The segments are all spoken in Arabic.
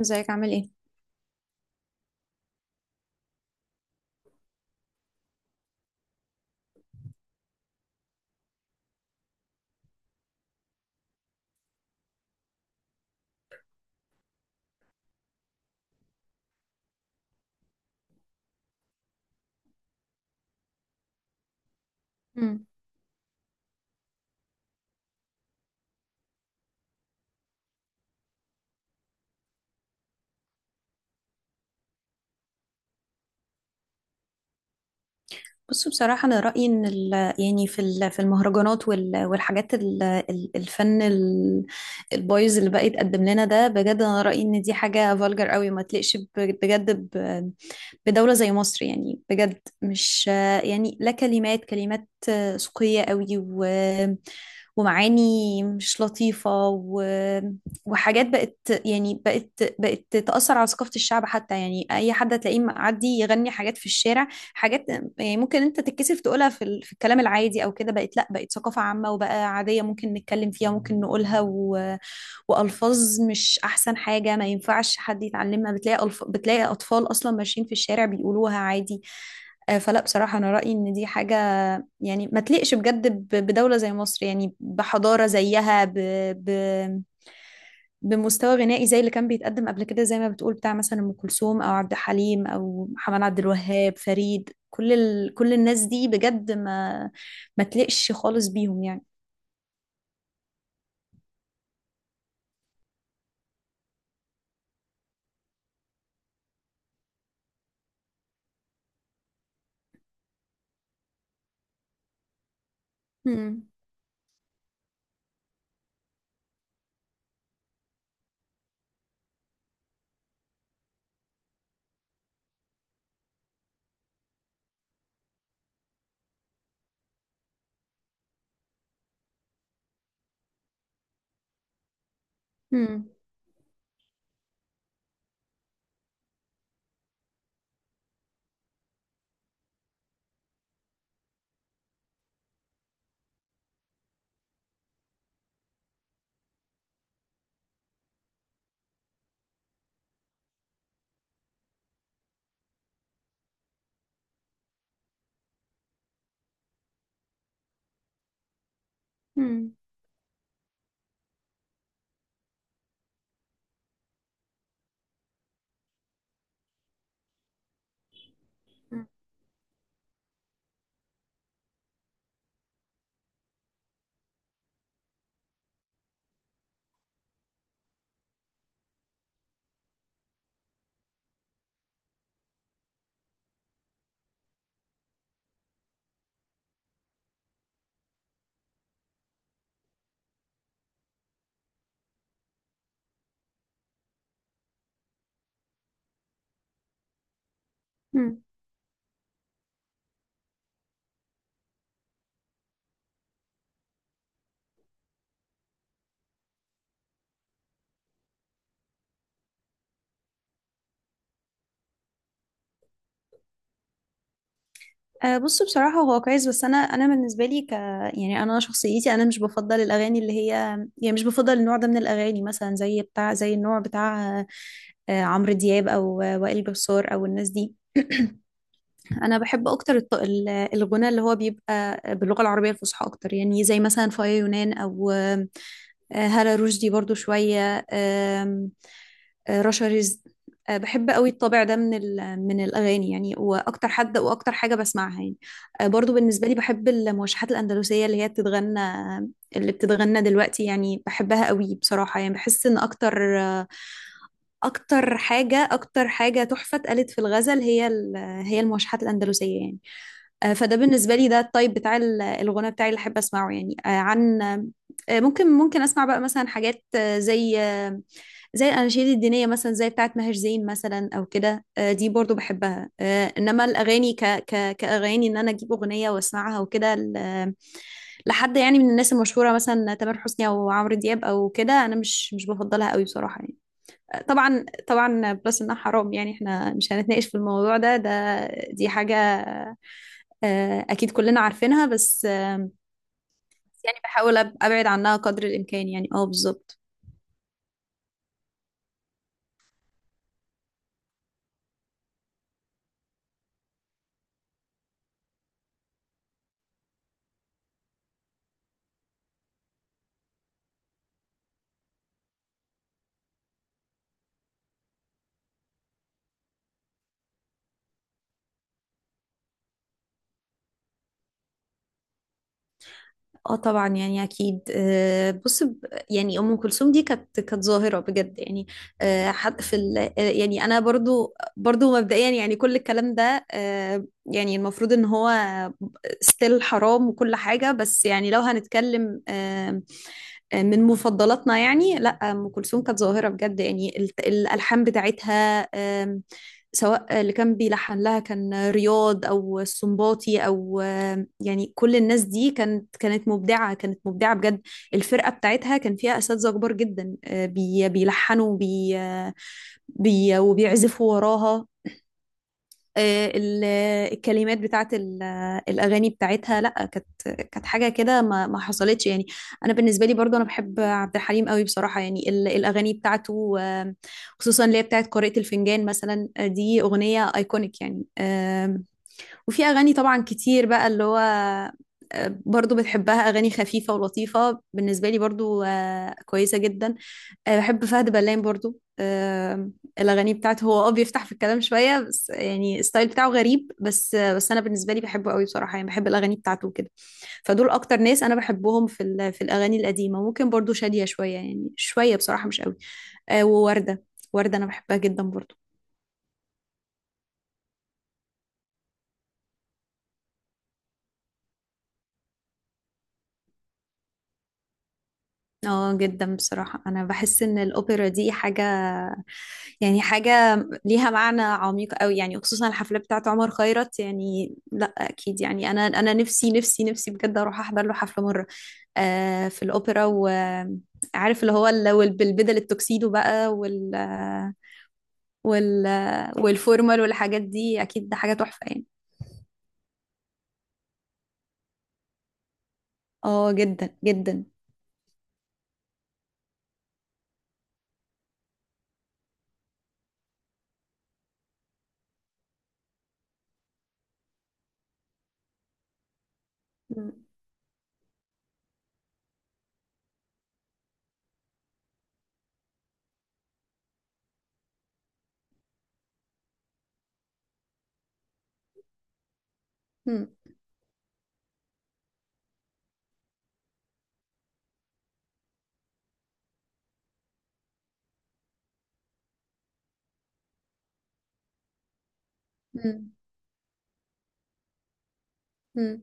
ازيك عامل ايه؟ مم. بص، بصراحة أنا رأيي إن يعني في في المهرجانات والحاجات الفن البايظ اللي بقى يتقدم لنا ده، بجد أنا رأيي إن دي حاجة فالجر قوي ما تليقش بجد بدولة زي مصر، يعني بجد مش يعني لا. كلمات كلمات سوقية قوي، و... ومعاني مش لطيفة، و... وحاجات بقت، يعني بقت، بقت تأثر على ثقافة الشعب حتى. يعني أي حد هتلاقيه معدي يغني حاجات في الشارع، حاجات يعني ممكن أنت تتكسف تقولها في الكلام العادي أو كده. بقت لأ، بقت ثقافة عامة وبقى عادية ممكن نتكلم فيها ممكن نقولها. و... والفاظ مش احسن حاجه، ما ينفعش حد يتعلمها. بتلاقي اطفال اصلا ماشيين في الشارع بيقولوها عادي. فلا، بصراحه انا رايي ان دي حاجه يعني ما تليقش بجد بدوله زي مصر، يعني بحضاره زيها، ب... ب... بمستوى غنائي زي اللي كان بيتقدم قبل كده، زي ما بتقول بتاع مثلا ام كلثوم او عبد الحليم او محمد عبد الوهاب فريد. كل الناس دي بجد ما تليقش خالص بيهم يعني. مم. مم. مم. مم. أه، بص، بصراحة هو كويس، بس أنا بالنسبة لي ك، يعني أنا شخصيتي أنا مش بفضل الأغاني اللي هي، يعني مش بفضل النوع ده من الأغاني مثلا، زي بتاع زي النوع بتاع أه آه، عمرو دياب، أو وائل جسار، أو الناس دي. انا بحب اكتر الغناء اللي هو بيبقى باللغه العربيه الفصحى اكتر، يعني زي مثلا فايا يونان، او آم، آه، هالة رشدي برضو شويه، آم، آه، رشا رزق. بحب قوي الطابع ده من الاغاني يعني، واكتر حد واكتر حاجه بسمعها يعني. برضو بالنسبه لي بحب الموشحات الاندلسيه اللي بتتغنى دلوقتي يعني، بحبها قوي بصراحه. يعني بحس ان اكتر اكتر حاجه تحفه اتقالت في الغزل هي المواشحات الاندلسيه يعني. فده بالنسبه لي ده الطيب الغنى بتاعي اللي احب اسمعه يعني. آه، عن آه، ممكن ممكن اسمع بقى مثلا حاجات زي زي الاناشيد الدينيه مثلا، زي بتاعه ماهر زين مثلا او كده. دي برضو بحبها. انما الاغاني ك ك كاغاني، ان انا اجيب اغنيه واسمعها وكده لحد يعني من الناس المشهوره، مثلا تامر حسني او عمرو دياب او كده، انا مش بفضلها قوي بصراحه يعني. طبعا طبعا، بلس انها حرام يعني. احنا مش هنتناقش في الموضوع ده، دي حاجة اكيد كلنا عارفينها. بس آه، يعني بحاول ابعد عنها قدر الامكان يعني. اه بالظبط. اه طبعا، يعني اكيد. بص يعني ام كلثوم دي كانت ظاهره بجد يعني. آه، حد في ال... آه، يعني انا برضو مبدئيا يعني كل الكلام ده يعني المفروض ان هو ستيل حرام وكل حاجه. بس يعني لو هنتكلم من مفضلاتنا يعني، لا، ام كلثوم كانت ظاهره بجد يعني. الالحان بتاعتها، سواء اللي كان بيلحن لها كان رياض او السنباطي او، يعني كل الناس دي كانت مبدعه، كانت مبدعه بجد. الفرقه بتاعتها كان فيها اساتذه كبار جدا بيلحنوا بي وبيعزفوا وراها. آه، ال- الكلمات الأغاني بتاعتها، لأ كانت كانت حاجة كده ما حصلتش يعني. أنا بالنسبة لي برضو أنا بحب عبد الحليم قوي بصراحة يعني، الأغاني بتاعته خصوصا اللي هي بتاعت قارئة الفنجان مثلا. دي أغنية أيكونيك يعني. وفي أغاني طبعا كتير بقى، اللي هو برضو بتحبها، أغاني خفيفة ولطيفة بالنسبة لي برضو كويسة جدا. أه، بحب فهد بلان برضو. أه، الأغاني بتاعته، هو بيفتح في الكلام شوية بس، يعني الستايل بتاعه غريب بس، بس أنا بالنسبة لي بحبه قوي بصراحة يعني، بحب الأغاني بتاعته وكده. فدول أكتر ناس أنا بحبهم في الأغاني القديمة. ممكن برضو شادية شوية، يعني شوية بصراحة مش قوي. أه، ووردة. وردة أنا بحبها جدا برضو. اه جدا، بصراحة انا بحس ان الاوبرا دي حاجة، يعني حاجة ليها معنى عميق قوي يعني، خصوصا الحفلة بتاعت عمر خيرت يعني، لا اكيد يعني. انا انا نفسي نفسي نفسي بجد اروح احضر له حفلة مرة في الاوبرا، وعارف اللي هو بالبدل التوكسيدو بقى، وال والفورمال والحاجات دي، اكيد ده حاجة تحفة يعني. اه جدا جدا. مم. مم. مم. مم.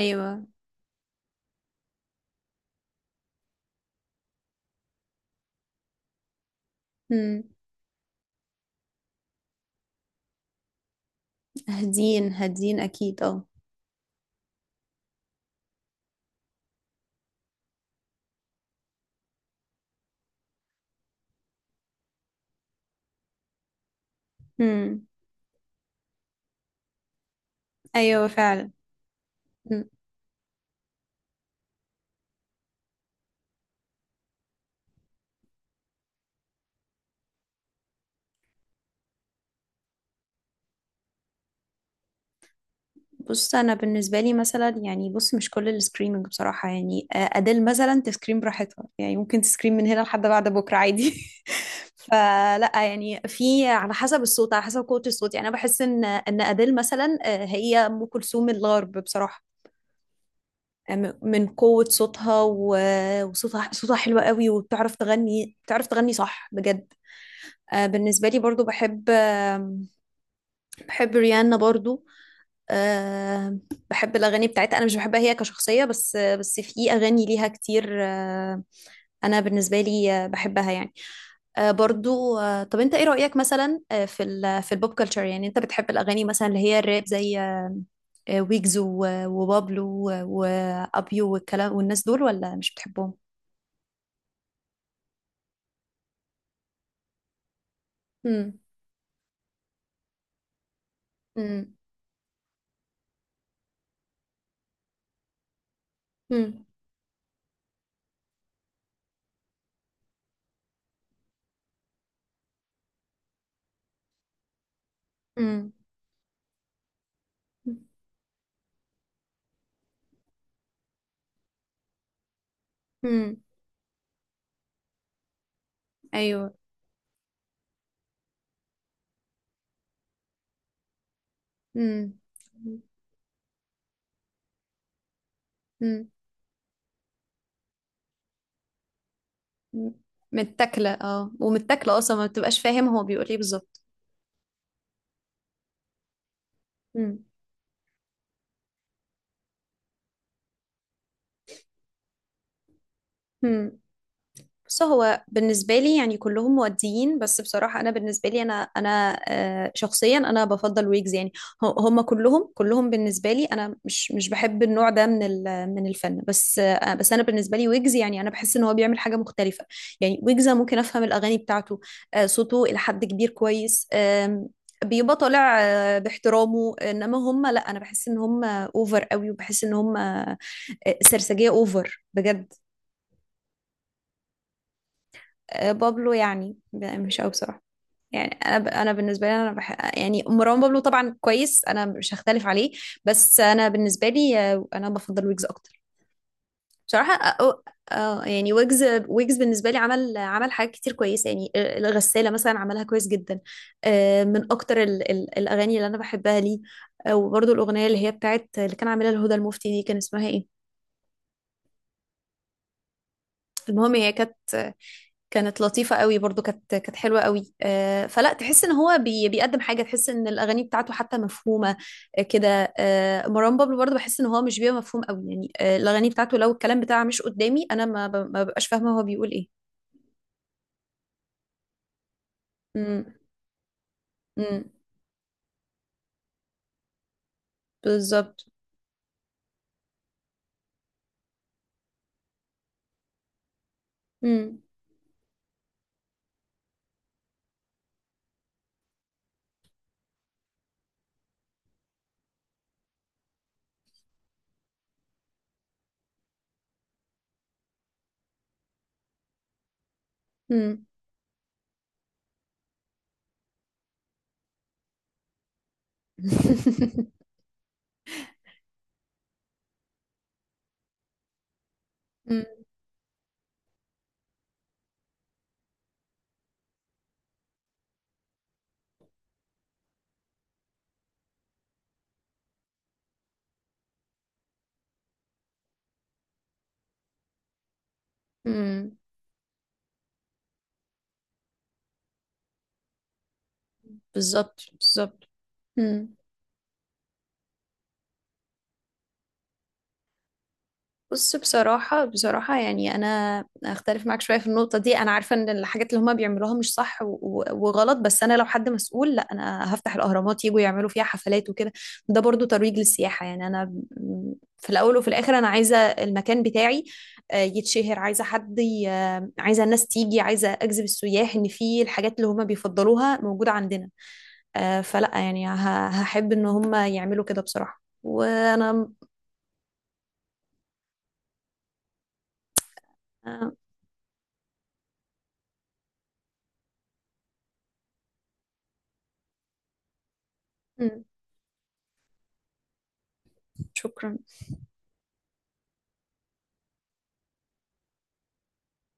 ايوه. مم. هادين هادين اكيد اه. امم. ايوه فعلا. مم. بص، انا بالنسبه لي مثلا، يعني بص مش كل السكريمنج بصراحه يعني. اديل مثلا تسكريم براحتها يعني، ممكن تسكريم من هنا لحد بعد بكره عادي فلا يعني، في على حسب الصوت، على حسب قوه الصوت. يعني انا بحس ان اديل مثلا هي ام كلثوم الغرب بصراحه. من قوه صوتها و- وصوتها صوتها حلو قوي، وبتعرف تغني بتعرف تغني صح بجد. بالنسبه لي برضو بحب بحب ريانا برضو. أه، بحب الأغاني بتاعتها. أنا مش بحبها هي كشخصية، بس في أغاني ليها كتير. أه، أنا بالنسبة لي بحبها يعني. أه برضو. أه طب، أنت إيه رأيك مثلا في ال في البوب كلتشر؟ يعني أنت بتحب الأغاني مثلا اللي هي الراب، زي ويجز وبابلو وأبيو والكلام والناس دول، ولا مش بتحبهم؟ مم. مم. مم. مم. مم. أيوه. مم. مم. متاكله اه، ومتاكله اصلا ما بتبقاش فاهم هو بيقول ايه بالظبط. مم. مم. بص، هو بالنسبة لي يعني كلهم مؤديين. بس بصراحة أنا بالنسبة لي أنا شخصيا أنا بفضل ويجز يعني. هم كلهم بالنسبة لي، أنا مش بحب النوع ده من الفن، بس أنا بالنسبة لي ويجز يعني، أنا بحس إن هو بيعمل حاجة مختلفة. يعني ويجز أنا ممكن أفهم الأغاني بتاعته، صوته إلى حد كبير كويس. بيبقى طالع باحترامه، انما هم لا، انا بحس ان هم اوفر قوي، وبحس ان هم سرسجية اوفر بجد. بابلو يعني مش قوي بصراحه. يعني انا ب... انا بالنسبه لي انا بح... يعني مروان بابلو طبعا كويس، انا مش هختلف عليه. بس انا بالنسبه لي انا بفضل ويجز اكتر بصراحه. أه... آه، يعني ويجز بالنسبه لي، عمل حاجات كتير كويسه يعني. الغساله مثلا عملها كويس جدا، من اكتر الاغاني اللي انا بحبها ليه. وبرضه الاغنيه اللي هي بتاعت اللي كان عاملها الهدى المفتي دي، كان اسمها ايه؟ المهم، هي كانت لطيفة قوي برضو، كانت حلوة قوي. فلا، تحس ان هو بيقدم حاجة، تحس ان الاغاني بتاعته حتى مفهومة. آه، كده آه، مروان بابلو برضو بحس ان هو مش بيبقى مفهوم قوي يعني. الاغاني بتاعته لو الكلام بتاعه مش قدامي، انا ما ب- ما ببقاش فاهمة هو بيقول ايه. امم. امم. بالظبط. امم. امم. امم. بالظبط بالظبط. مم. بص، بصراحة بصراحة يعني أنا أختلف معاك شوية في النقطة دي. أنا عارفة إن الحاجات اللي هما بيعملوها مش صح وغلط، بس أنا لو حد مسؤول لا، أنا هفتح الأهرامات يجوا يعملوا فيها حفلات وكده. ده برضو ترويج للسياحة يعني. أنا في الأول وفي الآخر أنا عايزة المكان بتاعي يتشهر، عايزة حد عايزة الناس تيجي، عايزة أجذب السياح، إن في الحاجات اللي هما بيفضلوها موجودة عندنا. فلا يعني هحب إن هما يعملوا كده بصراحة. وأنا آه، م، شكرا.